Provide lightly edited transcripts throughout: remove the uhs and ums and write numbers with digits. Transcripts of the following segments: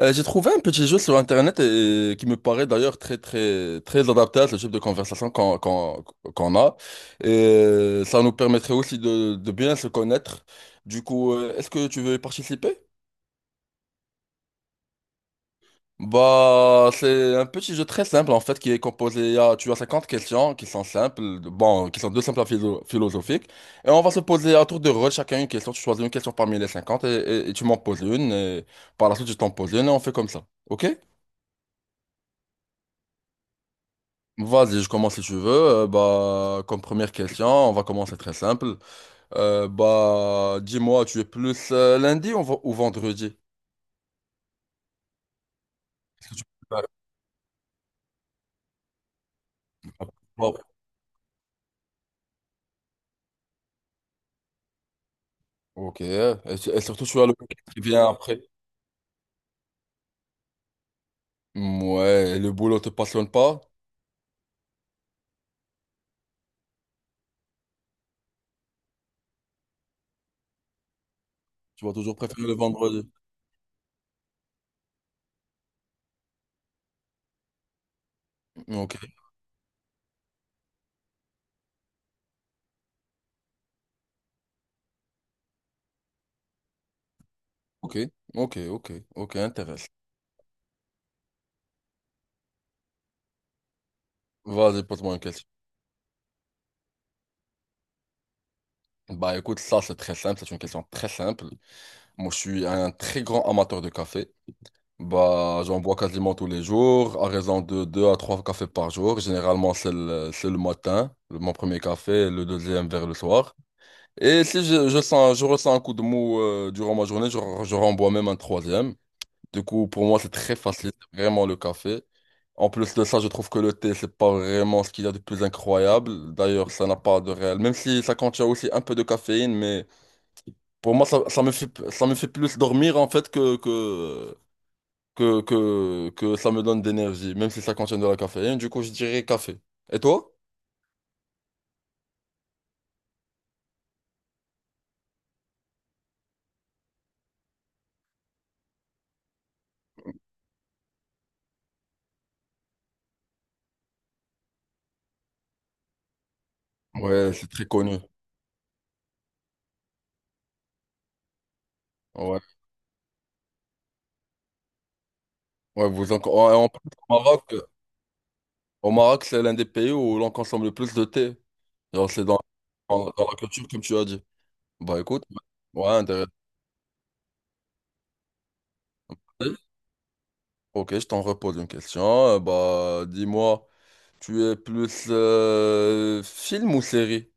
J'ai trouvé un petit jeu sur Internet, qui me paraît d'ailleurs très très très adapté à ce type de conversation qu'on a. Et ça nous permettrait aussi de bien se connaître. Du coup, est-ce que tu veux y participer? Bah, c'est un petit jeu très simple en fait qui est composé. Tu as 50 questions qui sont simples, bon, qui sont deux simples à philosophiques. Et on va se poser à tour de rôle chacun une question. Tu choisis une question parmi les 50 et, et tu m'en poses une. Et par la suite, je t'en pose une et on fait comme ça. OK? Vas-y, je commence si tu veux. Comme première question, on va commencer très simple. Dis-moi, tu es plus lundi ou, ou vendredi? Est-ce que tu préfères. Oh. Ok. Et, et surtout, tu as le week-end qui vient après. Mm, ouais, et le boulot te passionne pas? Tu vas toujours préférer le vendredi. Ok, ok, ok, ok, ok, intéressant. Vas-y, pose-moi une question. Bah, écoute, ça, c'est très simple. C'est une question très simple. Moi, je suis un très grand amateur de café. Bah, j'en bois quasiment tous les jours, à raison de 2 à 3 cafés par jour. Généralement, c'est le matin, mon premier café, le deuxième vers le soir. Et si je ressens un coup de mou durant ma journée, je renvoie même un troisième. Du coup, pour moi, c'est très facile, c'est vraiment le café. En plus de ça, je trouve que le thé, c'est pas vraiment ce qu'il y a de plus incroyable. D'ailleurs, ça n'a pas de réel. Même si ça contient aussi un peu de caféine, mais pour moi, ça me fait plus dormir en fait que ça me donne d'énergie, même si ça contient de la caféine. Du coup, je dirais café. Et toi? Ouais, c'est très connu. Ouais, ouais, vous en... ouais, en plus, au Maroc, au Maroc, c'est l'un des pays où l'on consomme le plus de thé. Genre, c'est dans la culture, comme tu as dit. Bah écoute, ouais, ouais, intéressant. Ok, je t'en repose une question. Dis-moi, tu es plus film ou série?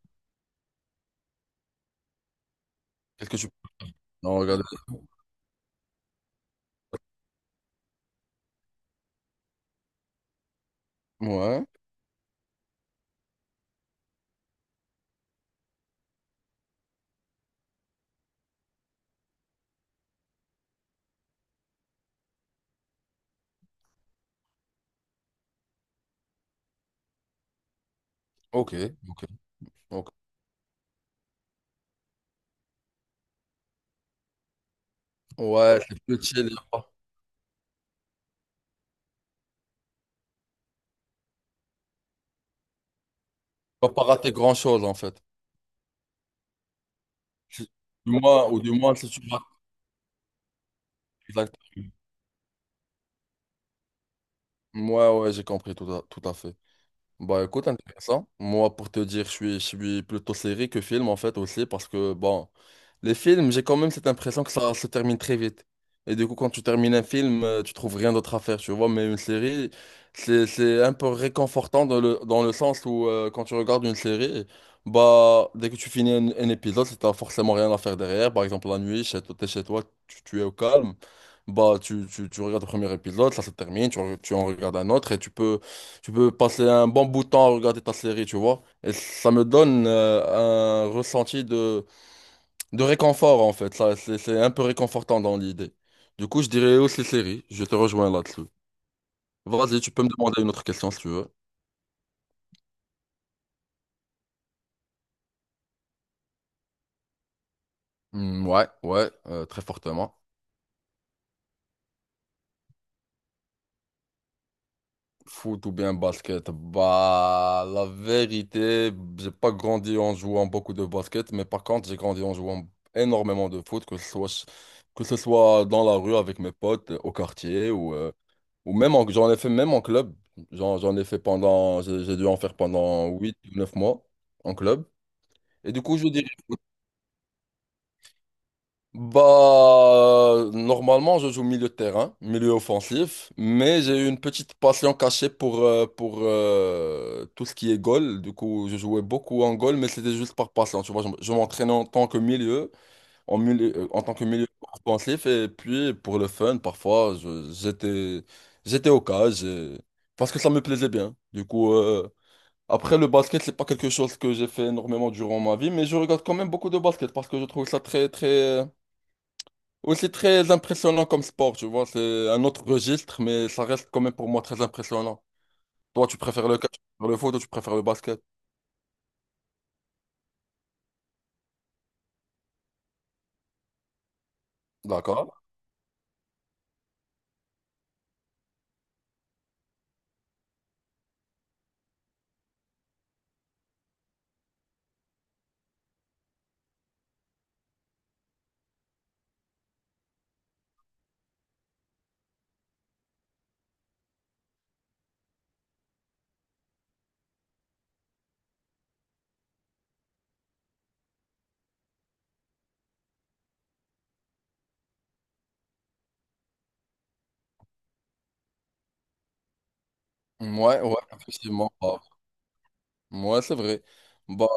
Qu'est-ce que tu... Non, regarde. Ouais. Ok, ok, ok. Ouais, c'est plus chill. Tu vas pas rater grand-chose, en fait. Du moins, ou du moins, si tu rates. Exact. Ouais, ouais, j'ai compris tout à fait. Bah écoute, intéressant. Moi, pour te dire, je suis plutôt série que film en fait aussi, parce que bon, les films, j'ai quand même cette impression que ça se termine très vite. Et du coup, quand tu termines un film, tu trouves rien d'autre à faire, tu vois. Mais une série, c'est un peu réconfortant dans le sens où quand tu regardes une série, bah dès que tu finis un épisode, si t'as forcément rien à faire derrière, par exemple la nuit, chez, toi, t'es chez toi, tu es au calme, bah tu regardes le premier épisode, ça se termine, tu en regardes un autre et tu peux. Tu peux passer un bon bout de temps à regarder ta série, tu vois. Et ça me donne un ressenti de réconfort, en fait. Ça, c'est un peu réconfortant dans l'idée. Du coup, je dirais aussi série. Je te rejoins là-dessus. Vas-y, tu peux me demander une autre question si tu veux. Hmm, ouais, ouais, très fortement. Foot ou bien basket? Bah, la vérité, j'ai pas grandi en jouant beaucoup de basket, mais par contre, j'ai grandi en jouant énormément de foot, que ce soit dans la rue avec mes potes, au quartier ou. Ou même j'en ai fait même en club. J'en ai fait pendant, j'ai dû en faire pendant huit ou 9 mois en club. Et du coup, je dirais, bah, normalement, je joue milieu de terrain, milieu offensif, mais j'ai eu une petite passion cachée pour, tout ce qui est goal. Du coup, je jouais beaucoup en goal, mais c'était juste par passion. Tu vois, je m'entraînais en tant que milieu, en tant que milieu offensif et puis pour le fun, parfois, j'étais au cage parce que ça me plaisait bien. Du coup, après le basket, c'est pas quelque chose que j'ai fait énormément durant ma vie, mais je regarde quand même beaucoup de basket parce que je trouve ça aussi très impressionnant comme sport, tu vois. C'est un autre registre, mais ça reste quand même pour moi très impressionnant. Toi, tu préfères le catch, tu préfères le foot ou tu préfères le basket? D'accord. Ouais, ouais, effectivement. Bah, ouais, c'est vrai. Bah,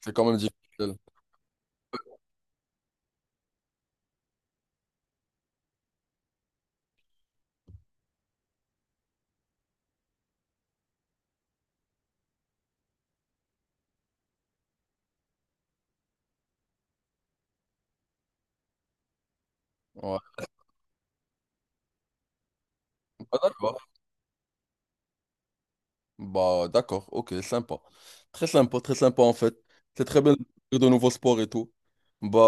c'est quand même difficile. Ouais. Bah, d'accord. Bah, d'accord, ok, sympa. Très sympa, très sympa en fait. C'est très bien de découvrir de nouveaux sports et tout. Bah,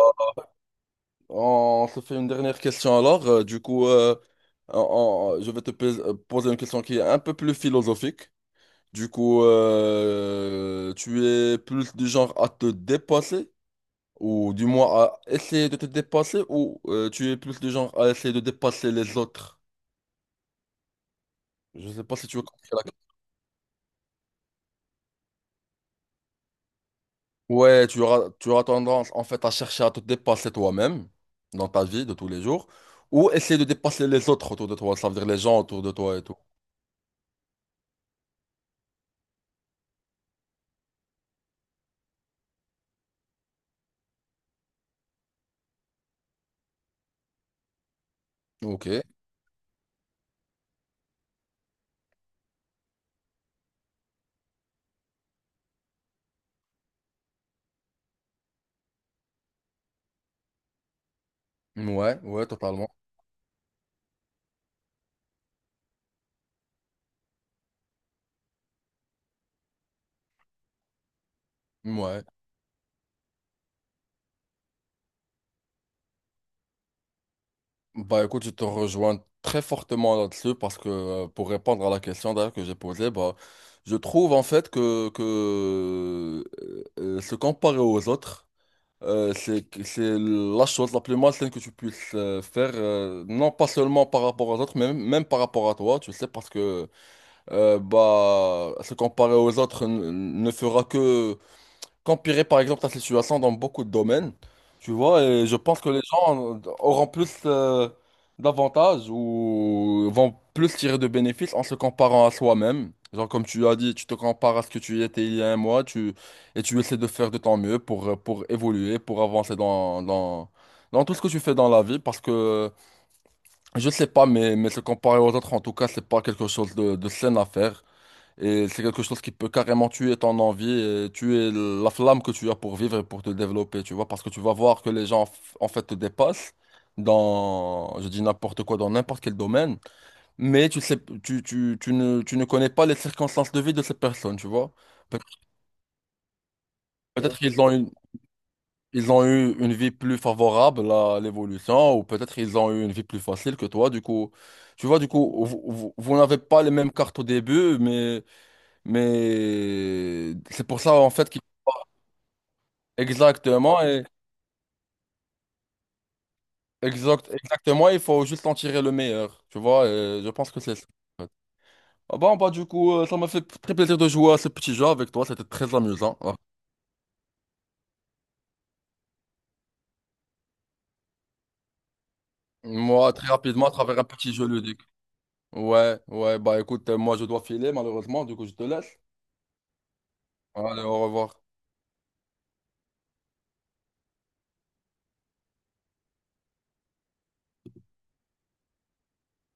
on se fait une dernière question alors. Du coup, on- je vais poser une question qui est un peu plus philosophique. Du coup, tu es plus du genre à te dépasser, ou du moins à essayer de te dépasser, ou tu es plus du genre à essayer de dépasser les autres? Je sais pas si tu veux comprendre. Ouais, tu auras tendance en fait à chercher à te dépasser toi-même dans ta vie de tous les jours ou essayer de dépasser les autres autour de toi, ça veut dire les gens autour de toi et tout. Ok, ouais, ouais, totalement. Ouais. Bah écoute, je te rejoins très fortement là-dessus parce que pour répondre à la question d'ailleurs que j'ai posée, bah, je trouve en fait que se comparer aux autres. C'est c'est la chose la plus malsaine que tu puisses faire, non pas seulement par rapport aux autres, mais même par rapport à toi, tu sais, parce que bah, se comparer aux autres ne fera que qu'empirer par exemple la situation dans beaucoup de domaines, tu vois, et je pense que les gens auront plus d'avantages ou vont plus tirer de bénéfices en se comparant à soi-même. Genre comme tu as dit, tu te compares à ce que tu étais il y a 1 mois, tu, et tu essaies de faire de ton mieux pour évoluer, pour avancer dans tout ce que tu fais dans la vie, parce que je sais pas, mais se comparer aux autres, en tout cas, c'est pas quelque chose de sain à faire. Et c'est quelque chose qui peut carrément tuer ton envie, et tuer la flamme que tu as pour vivre et pour te développer, tu vois, parce que tu vas voir que les gens, en fait, te dépassent dans, je dis n'importe quoi, dans n'importe quel domaine, mais tu sais, tu ne connais pas les circonstances de vie de ces personnes, tu vois. Pe- Peut-être ils ont eu une vie plus favorable à l'évolution, ou peut-être ils ont eu une vie plus facile que toi, du coup, tu vois, du coup, vous vous n'avez pas les mêmes cartes au début, mais... Mais c'est pour ça en fait. Exactement, et, exact, exactement, il faut juste en tirer le meilleur, tu vois, et je pense que c'est ça. En fait. Ah bon, bah du coup, ça m'a fait très plaisir de jouer à ce petit jeu avec toi, c'était très amusant. Ah. Moi, très rapidement, à travers un petit jeu ludique. Ouais, ouais, bah écoute, moi je dois filer malheureusement, du coup je te laisse. Allez, au revoir.